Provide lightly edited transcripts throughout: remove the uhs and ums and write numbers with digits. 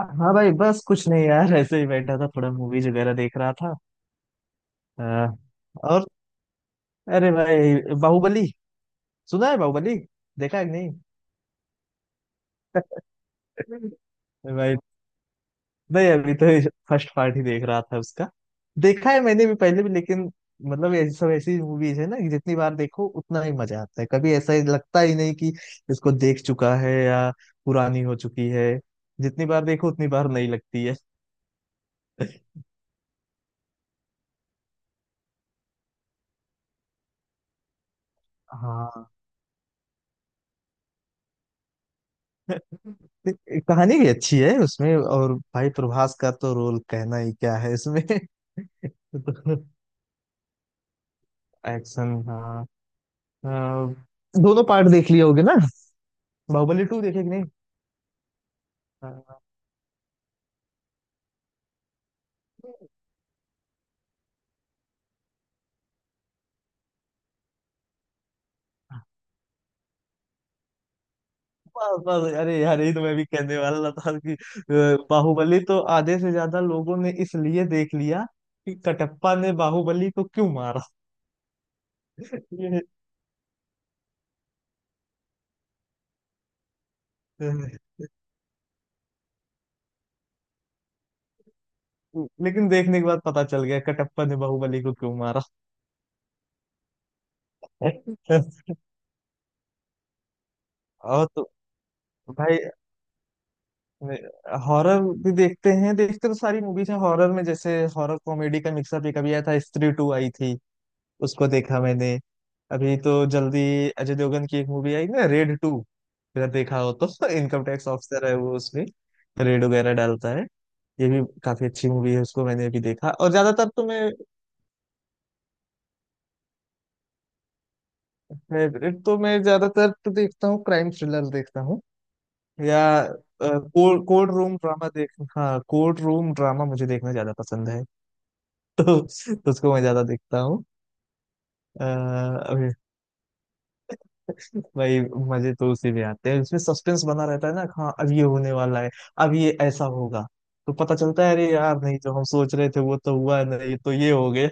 हाँ भाई, बस कुछ नहीं यार, ऐसे ही बैठा था, थोड़ा मूवीज वगैरह देख रहा था। हाँ। और अरे भाई, बाहुबली सुना है? बाहुबली देखा है कि नहीं? नहीं। भाई, नहीं अभी तो फर्स्ट पार्ट ही देख रहा था उसका। देखा है मैंने भी पहले भी, लेकिन मतलब ये सब ऐसी मूवीज है ना कि जितनी बार देखो उतना ही मजा आता है। कभी ऐसा ही लगता ही नहीं कि इसको देख चुका है या पुरानी हो चुकी है। जितनी बार देखो उतनी बार नहीं लगती है। हाँ। कहानी भी अच्छी है उसमें, और भाई प्रभास का तो रोल कहना ही क्या है इसमें। तो एक्शन, हाँ। अ, दोनों पार्ट देख लिए होगे ना? बाहुबली टू देखे कि नहीं? हाँ। बस बस, अरे यार यही तो मैं भी कहने वाला था कि बाहुबली तो आधे से ज्यादा लोगों ने इसलिए देख लिया कि कटप्पा ने बाहुबली को क्यों मारा। ये, अ, लेकिन देखने के बाद पता चल गया कटप्पा ने बाहुबली को क्यों मारा। और तो भाई, हॉरर भी देखते हैं, देखते तो सारी मूवीज हैं। हॉरर में जैसे हॉरर कॉमेडी का मिक्सअप, एक अभी आया था, स्त्री टू आई थी, उसको देखा मैंने। अभी तो जल्दी अजय देवगन की एक मूवी आई ना, रेड टू, अगर देखा हो तो। इनकम टैक्स ऑफिसर है वो उसमें, रेड वगैरह डालता है। ये भी काफी अच्छी मूवी है, उसको मैंने भी देखा। और ज्यादातर तो मैं, फेवरेट तो मैं ज्यादातर तो देखता हूँ क्राइम थ्रिलर देखता हूँ, या कोर्ट कोर्ट रूम ड्रामा देख, हाँ कोर्ट रूम ड्रामा मुझे देखना ज्यादा पसंद है, तो उसको मैं ज्यादा देखता हूँ। अ, अभी भाई, मजे तो उसी में आते हैं। उसमें सस्पेंस बना रहता है ना, हाँ अब ये होने वाला है, अब ये ऐसा होगा, तो पता चलता है अरे यार नहीं, जो हम सोच रहे थे वो तो हुआ नहीं, तो ये हो गया।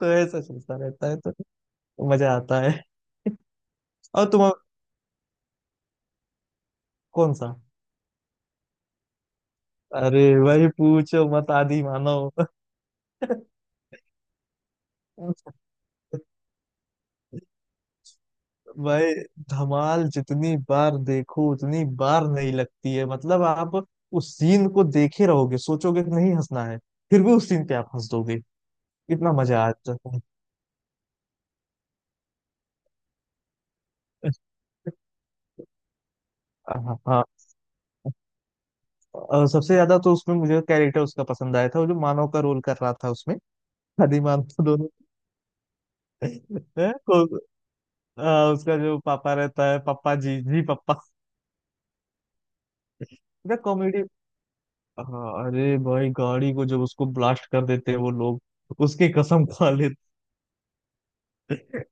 तो ऐसा चलता रहता है, तो मजा आता है। और तुम? कौन सा? अरे भाई पूछो मत, आदि मानव। भाई धमाल जितनी बार देखो उतनी बार नहीं लगती है, मतलब आप उस सीन को देखे रहोगे, सोचोगे कि नहीं हंसना है, फिर भी उस सीन पे आप हंस दोगे। इतना मजा आता है। हाँ हाँ। और सबसे ज्यादा तो उसमें मुझे कैरेक्टर उसका पसंद आया था, वो जो मानव का रोल कर रहा था उसमें। हनी मानव तो दोनों हैं, उसका जो पापा रहता है, पापा जी, जी पापा, इतना कॉमेडी। हाँ, अरे भाई गाड़ी को जब उसको ब्लास्ट कर देते हैं वो लोग, उसकी कसम खा लेते।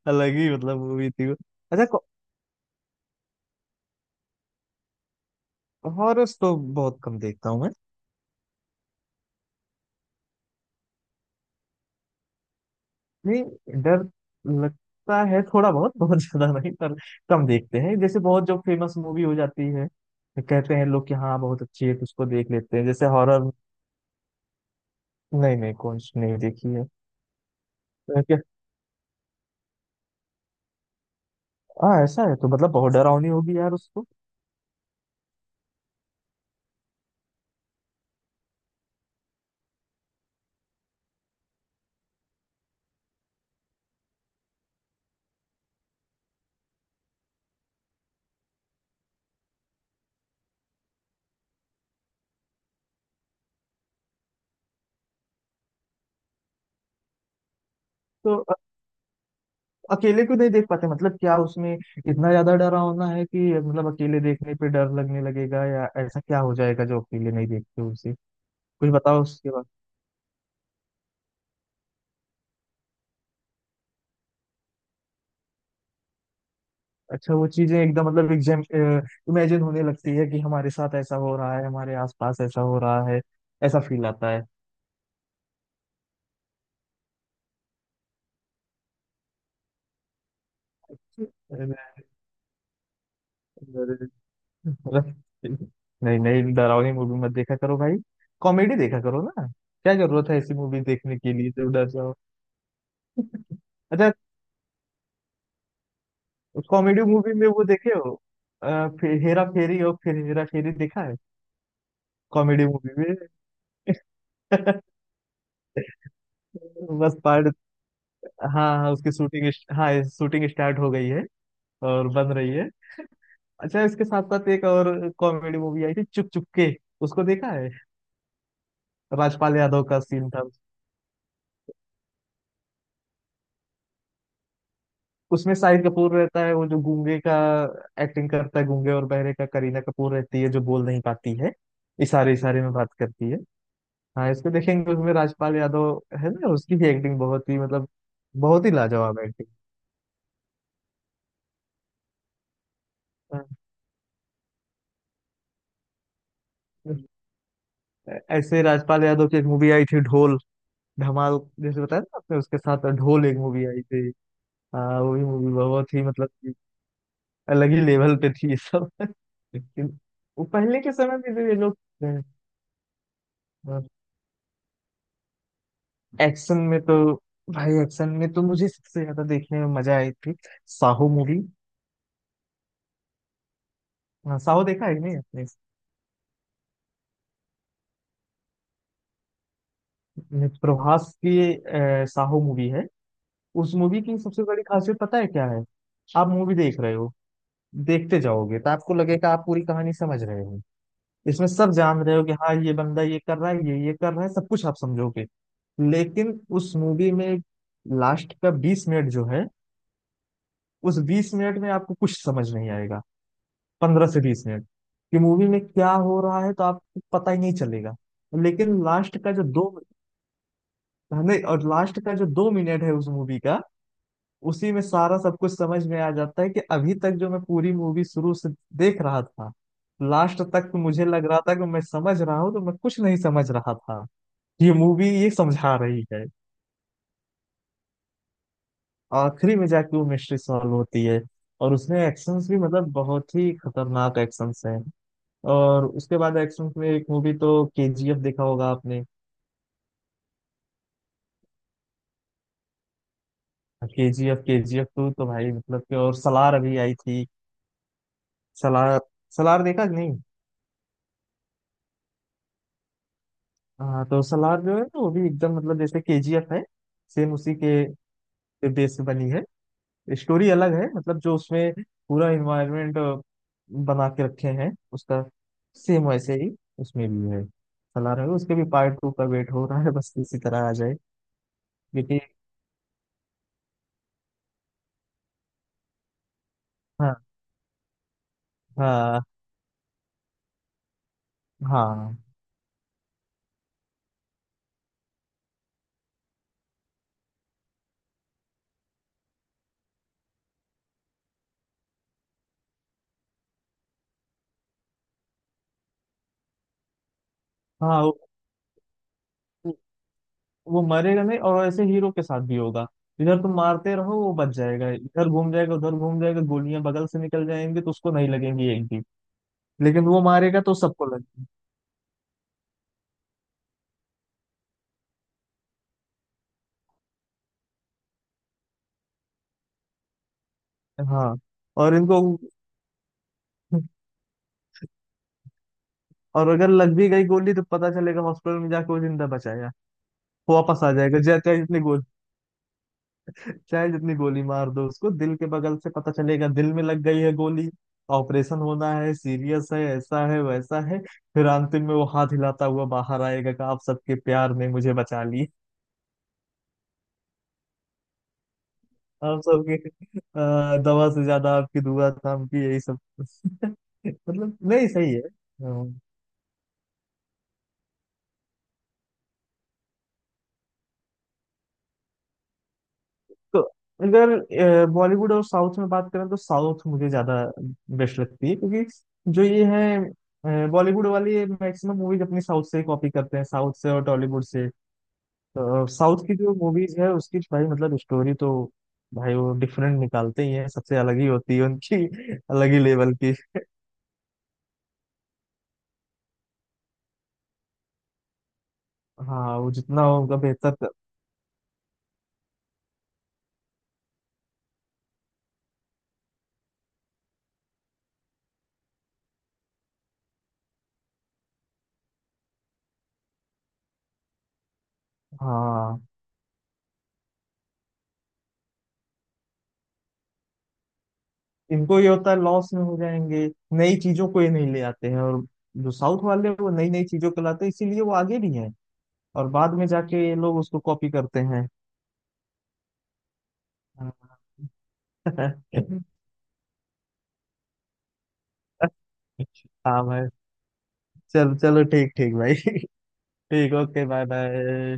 अलग ही मतलब मूवी थी वो। अच्छा। हॉरर्स तो बहुत कम देखता हूँ मैं। नहीं, डर लगता है थोड़ा बहुत, बहुत ज्यादा नहीं, पर कम देखते हैं, जैसे बहुत जो फेमस मूवी हो जाती है तो कहते हैं लोग कि हाँ बहुत अच्छी है, तो उसको देख लेते हैं, जैसे हॉरर। नहीं नहीं, कौन सी नहीं देखी है? तो क्या? हाँ, ऐसा है तो मतलब बहुत डरावनी होगी यार उसको। तो अ- अकेले क्यों नहीं देख पाते? मतलब क्या उसमें इतना ज्यादा डरावना है कि मतलब अकेले देखने पे डर लगने लगेगा, या ऐसा क्या हो जाएगा जो अकेले नहीं देखते हो? कुछ बताओ उसके बाद। अच्छा, वो चीजें एकदम मतलब एग्जाम इमेजिन होने लगती है कि हमारे साथ ऐसा हो रहा है, हमारे आसपास ऐसा हो रहा है, ऐसा फील आता है। अरे, अरे, नहीं नहीं डरावनी मूवी मत देखा करो भाई, कॉमेडी देखा करो ना। क्या जरूरत है ऐसी मूवी देखने के लिए जब डर जाओ? अच्छा, कॉमेडी मूवी में वो देखे हो, फिर हेरा फेरी और फिर हेरा फेरी देखा है, कॉमेडी मूवी में। बस पार्ट, हाँ हाँ उसकी शूटिंग, हाँ शूटिंग स्टार्ट हो गई है और बन रही है। अच्छा, इसके साथ साथ एक और कॉमेडी मूवी आई थी, चुप चुप के, उसको देखा है? राजपाल यादव का सीन था। उसमें शाहिद कपूर रहता है, वो जो गूंगे का एक्टिंग करता है, गूंगे और बहरे का। करीना कपूर रहती है जो बोल नहीं पाती है, इशारे इशारे में बात करती है। हाँ, इसको देखेंगे। उसमें राजपाल यादव है ना, उसकी भी एक्टिंग बहुत ही, मतलब बहुत ही लाजवाब एक्टिंग। हाँ। ऐसे राजपाल यादव की एक मूवी आई थी, ढोल। धमाल जैसे बताया ना आपने, उसके साथ ढोल एक मूवी आई थी। हाँ, वो भी मूवी बहुत ही मतलब अलग ही लेवल पे थी ये सब। लेकिन वो पहले के समय में जो ये लोग थे, और एक्शन में तो भाई, एक्शन में तो मुझे सबसे ज्यादा देखने में मजा आई थी, साहो मूवी। हाँ, साहो देखा है कि नहीं आपने? ने प्रभास की साहो मूवी है। उस मूवी की सबसे बड़ी खासियत पता है क्या है? आप मूवी देख रहे हो, देखते जाओगे तो आपको लगेगा आप पूरी कहानी समझ रहे हो। इसमें सब जान रहे हो कि हाँ ये बंदा ये कर रहा है, ये कर रहा है, सब कुछ आप समझोगे। लेकिन उस मूवी में लास्ट का बीस मिनट जो है, उस 20 मिनट में आपको कुछ समझ नहीं आएगा, 15 से 20 मिनट, कि मूवी में क्या हो रहा है तो आपको पता ही नहीं चलेगा। लेकिन लास्ट का जो दो, नहीं, और लास्ट का जो 2 मिनट है उस मूवी का, उसी में सारा सब कुछ समझ में आ जाता है, कि अभी तक जो मैं पूरी मूवी शुरू से देख रहा था, लास्ट तक तो मुझे लग रहा था कि मैं समझ रहा हूँ, तो मैं कुछ नहीं समझ रहा था, ये मूवी ये समझा रही है। आखिरी में जाके वो मिस्ट्री सॉल्व होती है। और उसमें एक्शंस भी मतलब बहुत ही खतरनाक एक्शंस हैं। और उसके बाद एक्शंस में एक मूवी तो केजीएफ देखा होगा आपने? केजीएफ, केजीएफ टू तो भाई मतलब कि, और सलार अभी आई थी। सलार, सलार देखा कि नहीं? हाँ तो सलार जो है ना वो भी एकदम मतलब जैसे केजीएफ है, सेम उसी के बेस पे बनी है। स्टोरी अलग है मतलब, जो उसमें पूरा इन्वायरमेंट बना के रखे हैं उसका सेम वैसे ही उसमें भी है। चला रहे हो उसके भी पार्ट टू का वेट हो रहा है, बस इसी तरह आ जाए, क्योंकि हाँ, हाँ, हाँ, हाँ। वो मरेगा नहीं, और ऐसे हीरो के साथ भी होगा। इधर तुम मारते रहो वो बच जाएगा, इधर घूम जाएगा, उधर घूम जाएगा, गोलियां बगल से निकल जाएंगी तो उसको नहीं लगेंगी एक भी। लेकिन वो मारेगा तो सबको लगेगी। हाँ, और इनको। और अगर लग भी गई गोली तो पता चलेगा हॉस्पिटल में जाके वो जिंदा बचाया। वो वापस आ जाएगा, चाहे चाहे जितनी गोली। चाहे जितनी गोली मार दो उसको, दिल के बगल से पता चलेगा दिल में लग गई है गोली। ऑपरेशन होना है, सीरियस है, ऐसा है, वैसा है। फिर अंतिम में वो हाथ हिलाता हुआ बाहर आएगा कि आप सबके प्यार ने मुझे बचा ली। आप सबके दवा से ज्यादा आपकी दुआ काम की, यही सब। मतलब नहीं सही है। हाँ। तो अगर बॉलीवुड और साउथ में बात करें, तो साउथ मुझे ज्यादा बेस्ट लगती है, क्योंकि जो ये है बॉलीवुड वाली मैक्सिमम मूवीज अपनी साउथ से कॉपी करते हैं, साउथ से और टॉलीवुड से। तो साउथ की जो मूवीज है उसकी भाई मतलब स्टोरी तो, भाई वो डिफरेंट निकालते ही हैं, सबसे अलग ही होती है उनकी अलग ही लेवल की। हाँ वो जितना होगा बेहतर कर- हाँ, इनको ये होता है लॉस में हो जाएंगे, नई चीजों को ये नहीं ले आते हैं। और जो साउथ वाले हैं, वो नई नई चीजों को लाते हैं, इसीलिए वो आगे भी हैं, और बाद में जाके ये लोग उसको कॉपी करते हैं। हाँ। हाँ भाई। चल चलो ठीक ठीक भाई। ठीक, ओके। Bye bye.